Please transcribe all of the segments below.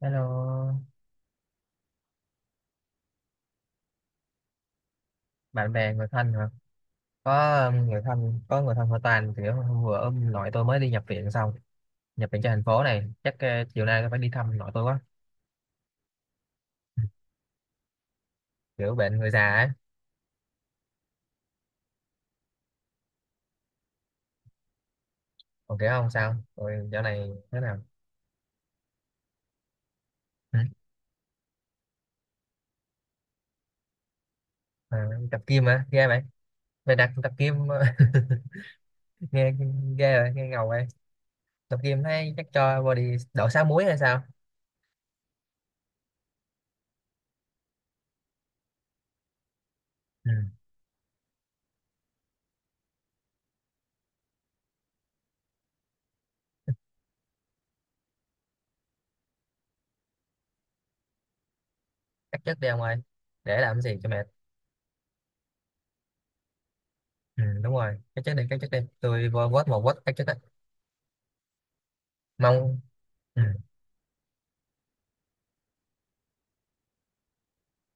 Hello, bạn bè người thân hả? Có người thân có người thân họ Toàn thì hôm vừa ông nội tôi mới đi nhập viện xong, nhập viện cho thành phố này, chắc chiều nay tôi phải đi thăm nội tôi quá. Kiểu bệnh người già ấy, còn kiểu không sao? Rồi dạo này thế nào? Ừ. À, tập gym hả? Ghê vậy. Mày đặt tập gym nghe ghê vậy, nghe ngầu vậy. Tập gym thấy chắc cho body đậu sáu muối hay sao? Ừ. Cắt chất đi ông ơi. Để làm gì cho mệt. Ừ, đúng rồi. Cắt chất đi, cắt chất đi. Tôi vô vote một vote cắt chất á. Mong ừ.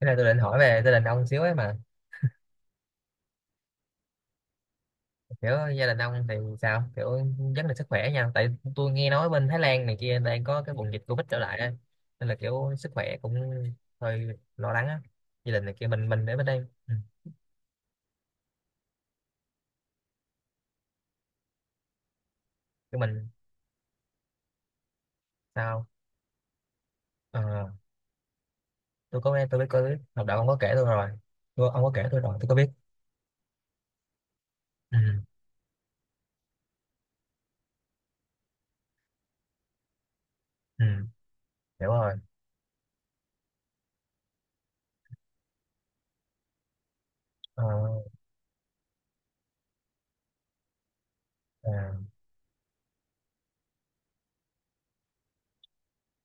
Cái này tôi định hỏi về gia đình ông xíu ấy mà, kiểu gia đình ông thì sao, kiểu vấn đề sức khỏe nha, tại tôi nghe nói bên Thái Lan này kia đang có cái bùng dịch Covid trở lại ấy. Nên là kiểu sức khỏe cũng hơi lo lắng á, gia đình này kia, mình ở bên đây. Ừ. Cái mình sao. Ờ, tôi có nghe tôi biết, có biết học đạo ông có kể tôi rồi. Ông có kể tôi rồi tôi có biết. Ừ. Ừ. Hiểu rồi. Ờ, à,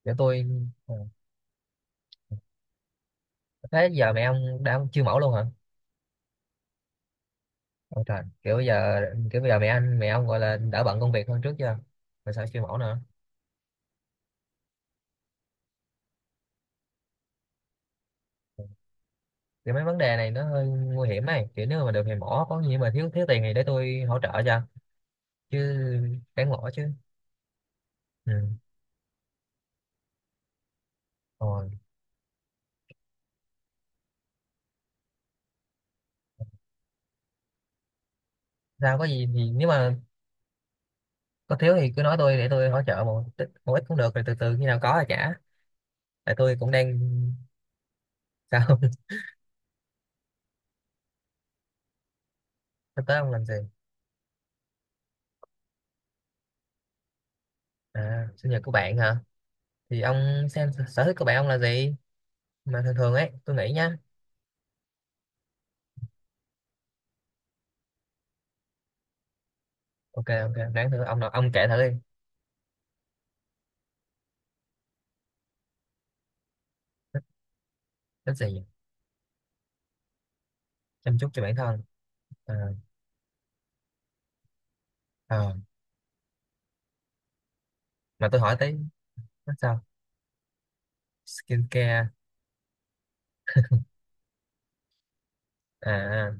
kiểu tôi ờ, thế giờ mẹ ông đã chưa mẫu luôn hả? Ôi trời, kiểu bây giờ, kiểu bây giờ mẹ anh mẹ ông gọi là đỡ bận công việc hơn trước chưa mà sao siêu mẫu nữa? Kiểu mấy vấn đề này nó hơi nguy hiểm ấy, kiểu nếu mà được thì mỏ có nghĩa, mà thiếu thiếu tiền thì để tôi hỗ trợ cho, chứ đáng mỏ chứ. Ừ. Rồi sao, có gì thì nếu mà có thiếu thì cứ nói tôi để tôi hỗ trợ một ít cũng được, rồi từ từ khi nào có thì trả. Tại tôi cũng đang sao. Sắp tới ông làm gì? À, sinh nhật của bạn hả? Thì ông xem sở thích của bạn ông là gì, mà thường thường ấy tôi nghĩ nhá. Ok, ok, đáng thử ông nào, ông kể thử đi. Thích gì? Chăm chút cho bản thân. À, ờ. Mà tôi hỏi tới, nó sao? Skin care. À,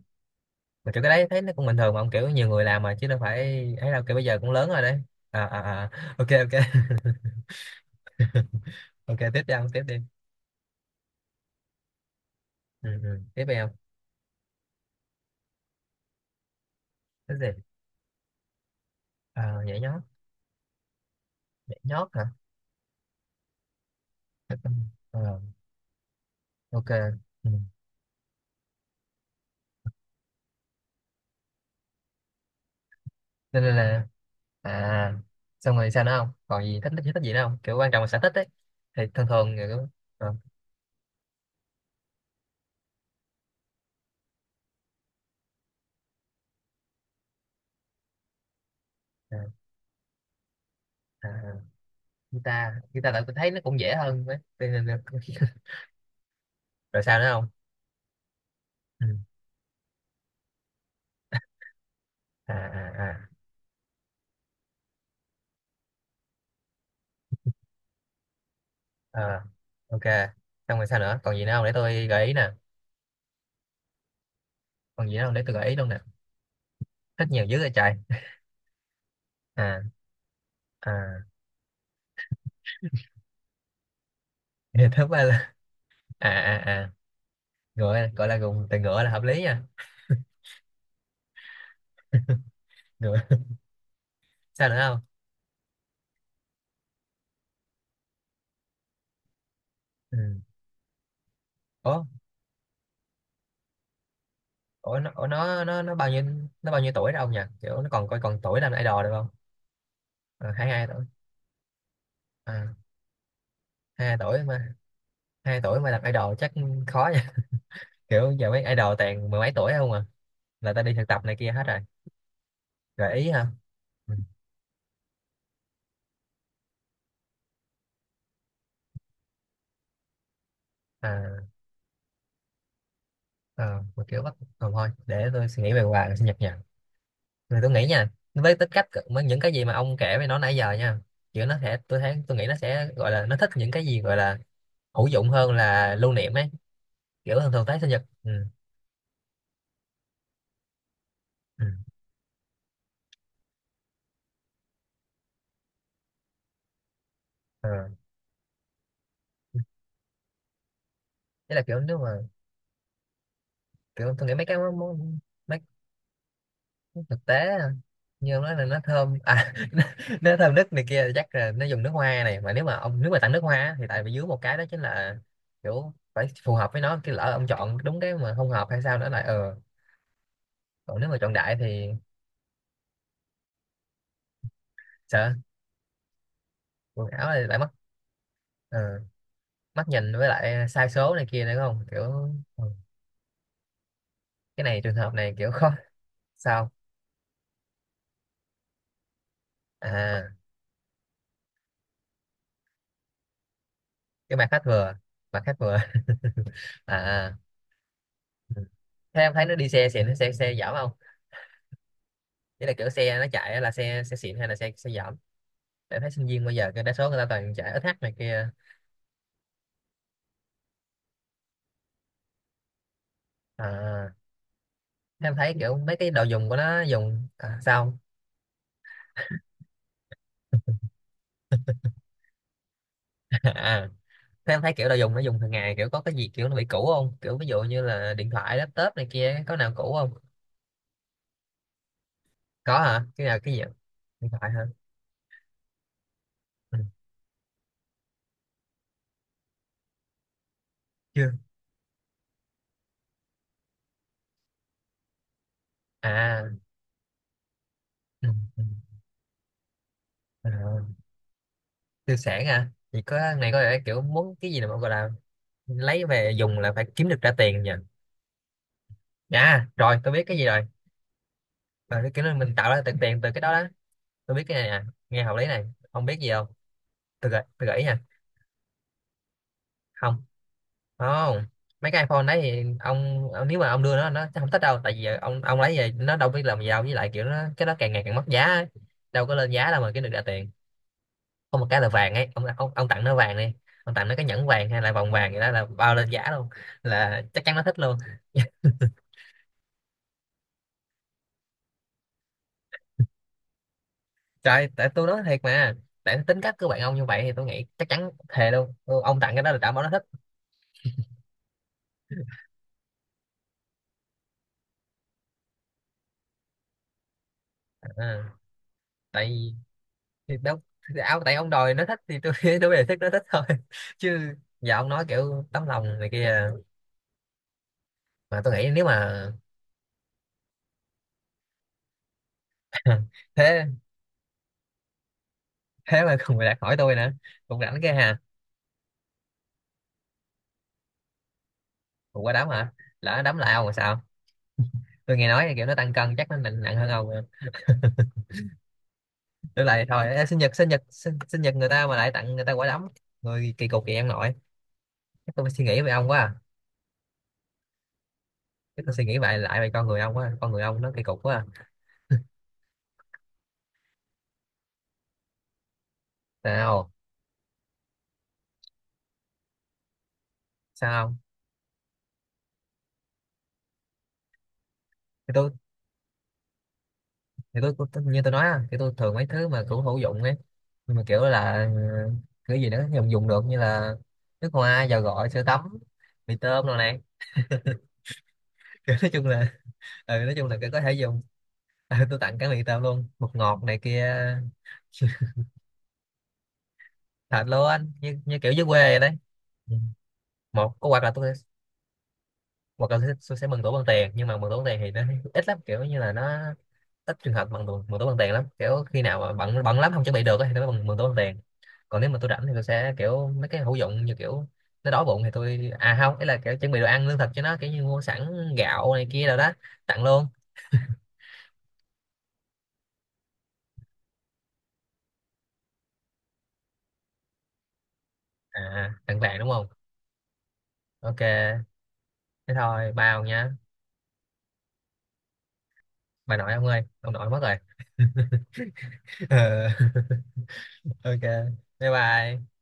mà kiểu cái đấy thấy nó cũng bình thường mà ông, kiểu nhiều người làm mà chứ đâu phải ấy đâu, kiểu bây giờ cũng lớn rồi đấy. À, à, à. Ok ok. Ok tiếp đi ông, tiếp đi. Ừ. Tiếp đi ông. Cái gì? À, nhảy nhót. Nhảy nhót hả? Ờ, ok. Ừ. Cho nên là. À, xong rồi sao nữa, không còn gì thích, thích gì nữa không, kiểu quan trọng là sở thích ấy, thì thường thường người cũng ờ, à, à, guitar, guitar tại tôi thấy nó cũng dễ hơn đấy. Cho nên là rồi sao nữa không. Ừ. À à à. Ờ, ok. Xong rồi sao nữa, còn gì nữa không để tôi gợi ý nè, còn gì nữa không để tôi gợi ý luôn nè. Thích nhiều dữ rồi trời. À à thì thứ ba là à à à, ngựa gọi là, dùng từ ngựa là hợp lý nha. Ngựa. Sao nữa không? Ừ. Ủa, ủa nó bao nhiêu, nó bao nhiêu tuổi rồi ông nhỉ, kiểu nó còn coi còn tuổi làm idol được không? À, hai hai tuổi. À, 22 tuổi mà, hai hai tuổi mà làm idol chắc khó nha. Kiểu giờ mấy idol toàn mười mấy tuổi không à, là ta đi thực tập này kia hết rồi. Gợi ý hả. Ừ. À. Ờ, mà kiểu bắt thôi để tôi suy nghĩ về quà sinh nhật nha. Rồi tôi nghĩ nha, với tính cách cỡ- với những cái gì mà ông kể với nó nãy giờ nha, kiểu nó sẽ, tôi thấy tôi nghĩ nó sẽ gọi là nó thích những cái gì gọi là hữu dụng hơn là lưu niệm ấy, kiểu thường thường tới sinh nhật. Ừ. Ừ. Ờ. Thế là kiểu nếu mà, kiểu tôi nghĩ mấy cái món, món- mấy thực tế, như ông nói là nó thơm à. Nó thơm nước này kia chắc là nó dùng nước hoa này, mà nếu mà ông nếu mà tặng nước hoa á, thì tại vì dưới một cái đó chính là kiểu phải phù hợp với nó, cái lỡ ông chọn đúng cái mà không hợp hay sao nữa lại ờ, còn nếu mà chọn đại thì sợ quần áo này lại mất. Ờ, mắt nhìn với lại sai số này kia nữa, không kiểu ừ, cái này trường hợp này kiểu khó. Sao. À, cái mặt khách vừa, mặt khách vừa. À. Ừ. Thế em thấy nó đi xe xịn, nó xe xe dở không? Đấy là kiểu xe nó chạy là xe xe xịn hay là xe xe dởm, để thấy sinh viên bây giờ cái đa số người ta toàn chạy ét hát này kia. À, thế em thấy kiểu mấy cái đồ dùng của nó dùng à, sao. À, thế em thấy kiểu đồ dùng nó dùng hàng ngày kiểu có cái gì kiểu nó bị cũ không, kiểu ví dụ như là điện thoại laptop này kia có nào cũ không. Có hả, cái nào, cái gì? Điện thoại hả? Ừ, chưa. À. ừ, ừ, à, tiêu sản à, thì có này có lẽ kiểu muốn cái gì là gọi là lấy về dùng là phải kiếm được ra tiền nhỉ. À rồi tôi biết cái gì rồi. Ờ, cái nó mình tạo ra tiền, từ cái đó đó. Tôi biết cái này nè, nghe hợp lý này. Ông biết gì không? Tôi gợi ý nha. Không, không, mấy cái iPhone đấy thì ông nếu mà ông đưa nó sẽ không thích đâu, tại vì ông lấy về nó đâu biết làm gì đâu, với lại kiểu nó cái đó càng ngày càng mất giá ấy. Đâu có lên giá đâu mà kiếm được ra tiền. Có một cái là vàng ấy ông, ông tặng nó vàng đi. Ông tặng nó cái nhẫn vàng hay là vòng vàng gì đó là bao lên giá luôn. Là chắc chắn nó thích luôn. Trời tại tôi nói thiệt mà. Tại tính cách của bạn ông như vậy thì tôi nghĩ chắc chắn thề luôn. Ừ, ông tặng cái đó là đảm bảo nó thích. À, tại, thì đâu, thì áo tại ông đòi nó thích thì tôi tôi về thích nó thích thôi chứ giờ ông nói kiểu tấm lòng này kia, mà tôi nghĩ nếu mà. Thế, thế mà còn người đạt hỏi tôi nữa, cũng rảnh cái hà. Cũng qua đấm hả? Lỡ đấm lại ông là sao? Tôi nghe nói kiểu nó tăng cân chắc nó nặng nặng hơn ông. Tôi lại thôi, ê, sinh nhật, sinh nhật người ta mà lại tặng người ta quả đấm. Người kỳ cục vậy ông nội. Chắc tôi phải suy nghĩ về ông quá à. Chắc tôi suy nghĩ lại lại về con người ông quá à. Con người ông nó kỳ cục quá à. Sao. Sao không. Thì tôi, như tôi nói á, thì tôi thường mấy thứ mà cũng hữu dụng ấy, nhưng mà kiểu là ừ, cái gì nữa dùng, được như là nước hoa, dầu gội, sữa tắm, mì tôm rồi này. Kiểu nói chung là ừ, nói chung là cái có thể dùng. Ừ, tôi tặng cả mì tôm luôn, bột ngọt này kia. Thật luôn anh, như kiểu dưới quê vậy đấy. Ừ. Một có, hoặc là tôi, hoặc là tôi sẽ mừng tuổi bằng tiền, nhưng mà mừng tuổi bằng tiền thì nó ít lắm, kiểu như là nó ít trường hợp bằng tuổi- mừng tuổi bằng tiền lắm, kiểu khi nào mà bận bận lắm không chuẩn bị được ấy, thì nó mừng mừng tuổi bằng tiền. Còn nếu mà tôi rảnh thì tôi sẽ kiểu mấy cái hữu dụng, như kiểu nó đói bụng thì tôi à không, ấy là kiểu chuẩn bị đồ ăn lương thực cho nó, kiểu như mua sẵn gạo này kia rồi đó, tặng luôn. À tặng vàng đúng không? Ok. Thế thôi bao nha. Bà nội ông ơi, ông nội mất rồi. Ờ, ok, bye bye.